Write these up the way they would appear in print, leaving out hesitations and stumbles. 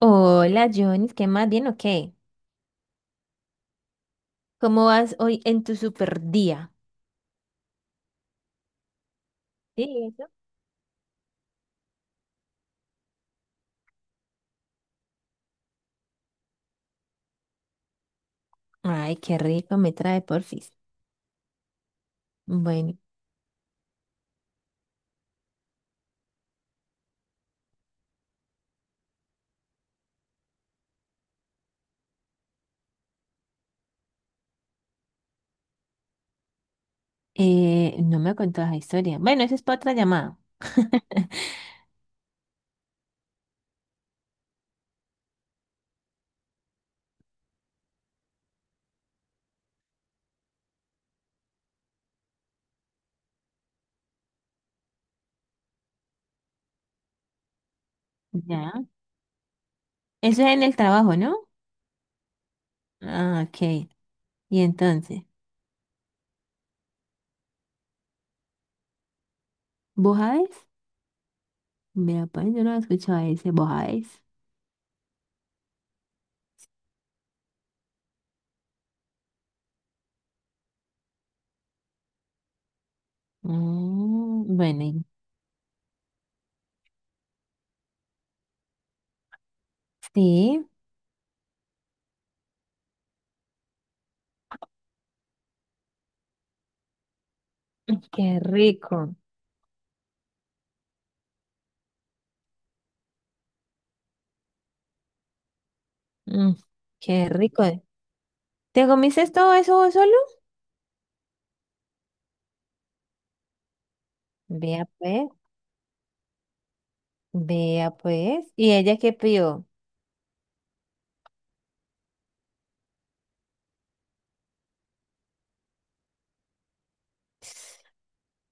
Hola, Jonis, ¿qué más? ¿Bien o qué? ¿Cómo vas hoy en tu super día? Sí, eso. Ay, qué rico me trae Porfis. Bueno, no me contó esa historia. Bueno, eso es para otra llamada. Ya. Eso es en el trabajo, ¿no? Ah, ok. Y entonces, ¿vos sabés? Mira, pues yo no he escuchado ese, ¿vos sabés? Bueno, y- sí. Mm, qué rico. Mm, qué rico. ¿Te comiste todo eso vos solo? Vea, pues. Vea pues. ¿Y ella qué pidió?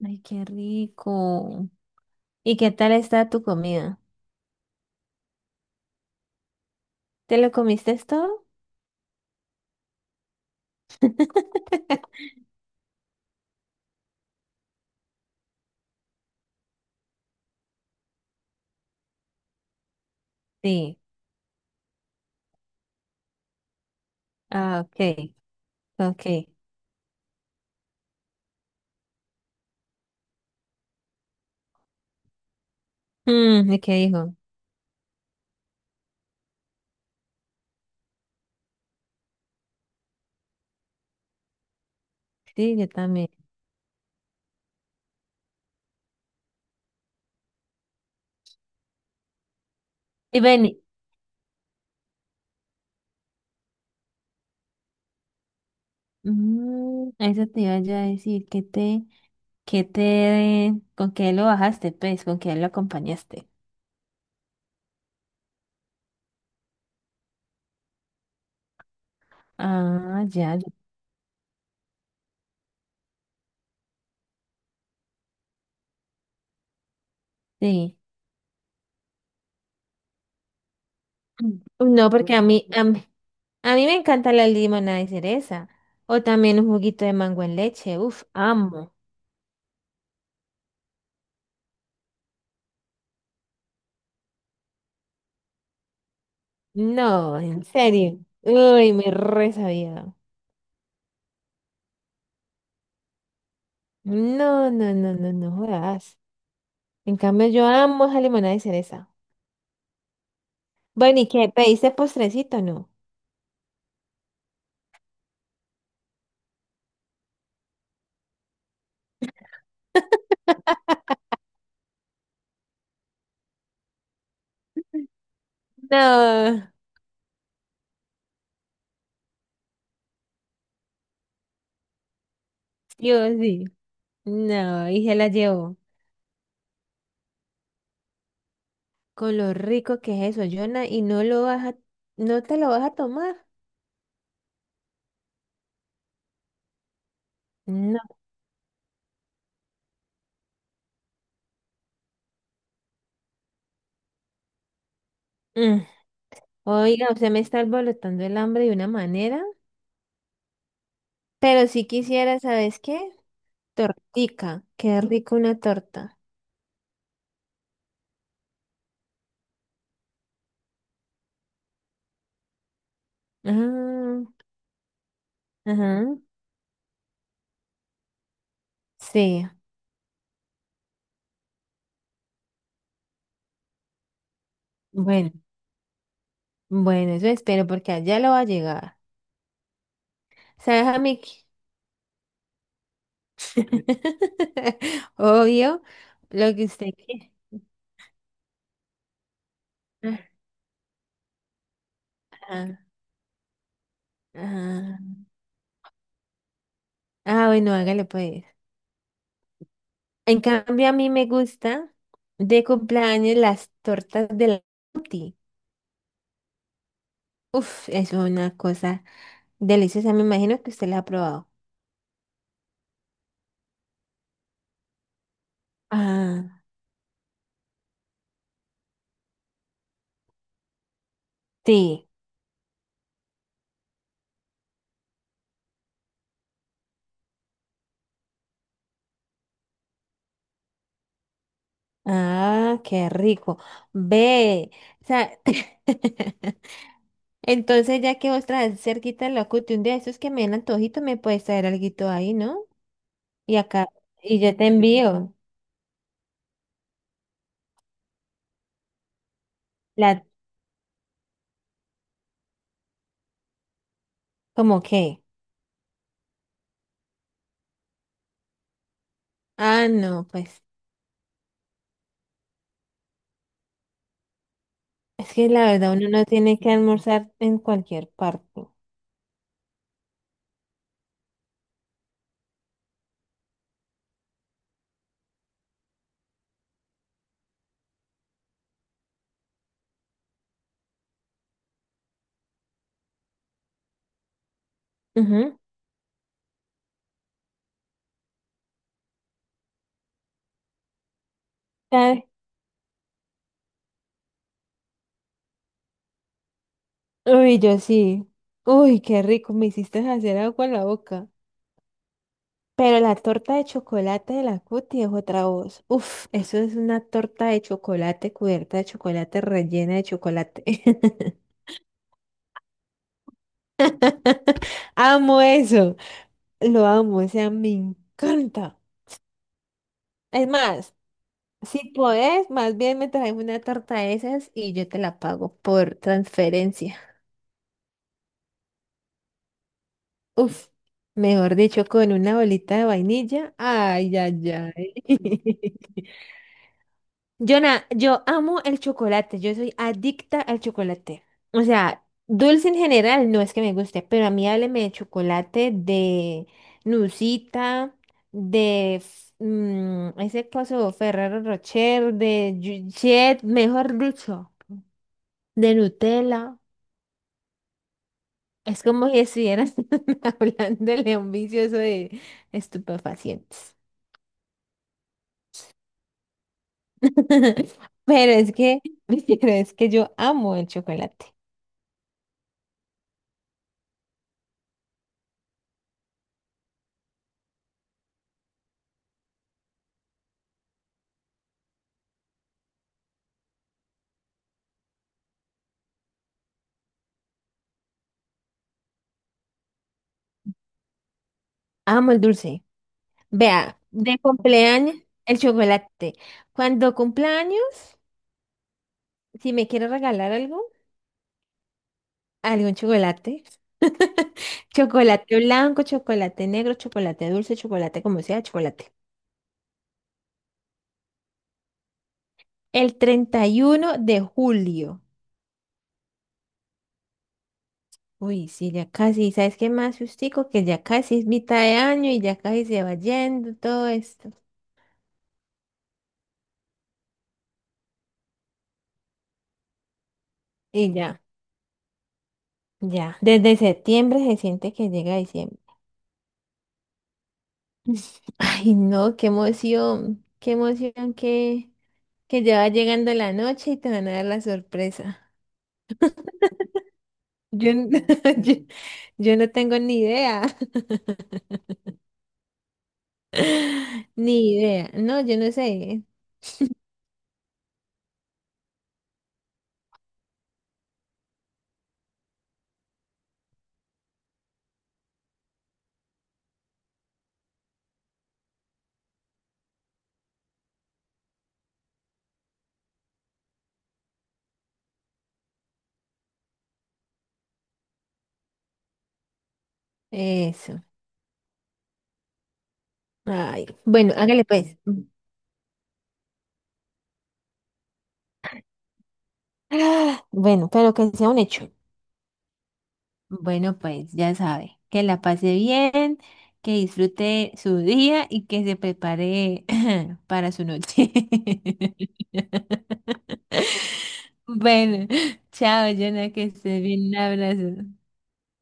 Ay, qué rico. ¿Y qué tal está tu comida? ¿Te lo comiste todo? Sí. Ah, ok, ok. Mm, ¿y qué dijo? Sí, yo también. Y ven, mm, eso te iba yo a decir, qué te, con qué lo bajaste, pues, con qué lo acompañaste? Ah, ya, ya, sí. No, porque a mí me encanta la limonada de cereza. O también un juguito de mango en leche. Uf, amo. No, en serio. Uy, me re sabía. No, no, no, no, no jodas. En cambio, yo amo esa limonada de cereza. Bueno, ¿y qué? ¿Pediste postrecito o no? No, yo sí. No, y se la llevo. Con lo rico que es eso, Jonah, y no lo vas a, no te lo vas a tomar. No. Mm. Oiga, usted me está alborotando el hambre de una manera. Pero si quisiera, ¿sabes qué? Tortica. Qué rico una torta. Ah, ajá. Sí. Bueno, bueno, eso espero porque allá lo va a llegar. ¿Sabes a mí qué? Obvio, lo que usted quiere. Ajá, ajá. Ah, bueno, hágale pues. En cambio, a mí me gusta de cumpleaños las tortas de la Tutti. Uf, eso es una cosa deliciosa. Me imagino que usted la ha probado. Ah, sí. Ah, qué rico. Ve. O sea, entonces ya que vos traes cerquita el locuto, un día de esos que me den antojito, me puedes traer alguito ahí, ¿no? Y acá, y yo te envío. La, ¿cómo qué? Ah, no, pues, es que la verdad uno no tiene que almorzar en cualquier parte. Ujú. Ay, uy, yo sí. Uy, qué rico, me hiciste hacer agua en la boca. Pero la torta de chocolate de la Cuti es otra voz. Uf, eso es una torta de chocolate cubierta de chocolate rellena de chocolate. Amo eso. Lo amo, o sea, me encanta. Es más, si podés, más bien me traes una torta de esas y yo te la pago por transferencia. Uf, mejor dicho, con una bolita de vainilla. Ay, ay, ay. Jonah, yo amo el chocolate, yo soy adicta al chocolate. O sea, dulce en general no es que me guste, pero a mí hábleme de chocolate, de Nusita, de ese coso Ferrero Rocher, de Jet, mejor dicho, de Nutella. Es como si estuvieras hablándole a un vicioso de estupefacientes. Pero es que, pero es que yo amo el chocolate, amo el dulce. Vea, de cumpleaños, el chocolate. Cuando cumpleaños, si me quiere regalar algo, algún chocolate. Chocolate blanco, chocolate negro, chocolate dulce, chocolate como sea, chocolate. El 31 de julio. Uy, sí, ya casi, ¿sabes qué más, justico? Que ya casi es mitad de año y ya casi se va yendo todo esto. Y ya, ya. Desde septiembre se siente que llega diciembre. Ay, no, qué emoción, qué emoción qué que ya va llegando la noche y te van a dar la sorpresa. Yo, n- yo, yo no tengo ni idea. Ni idea. No, yo no sé. Eso. Ay, bueno, hágale pues. Ah, bueno, pero que sea un hecho. Bueno, pues ya sabe. Que la pase bien, que disfrute su día y que se prepare para su noche. Bueno, chao, Jonah, que estés bien. Un abrazo.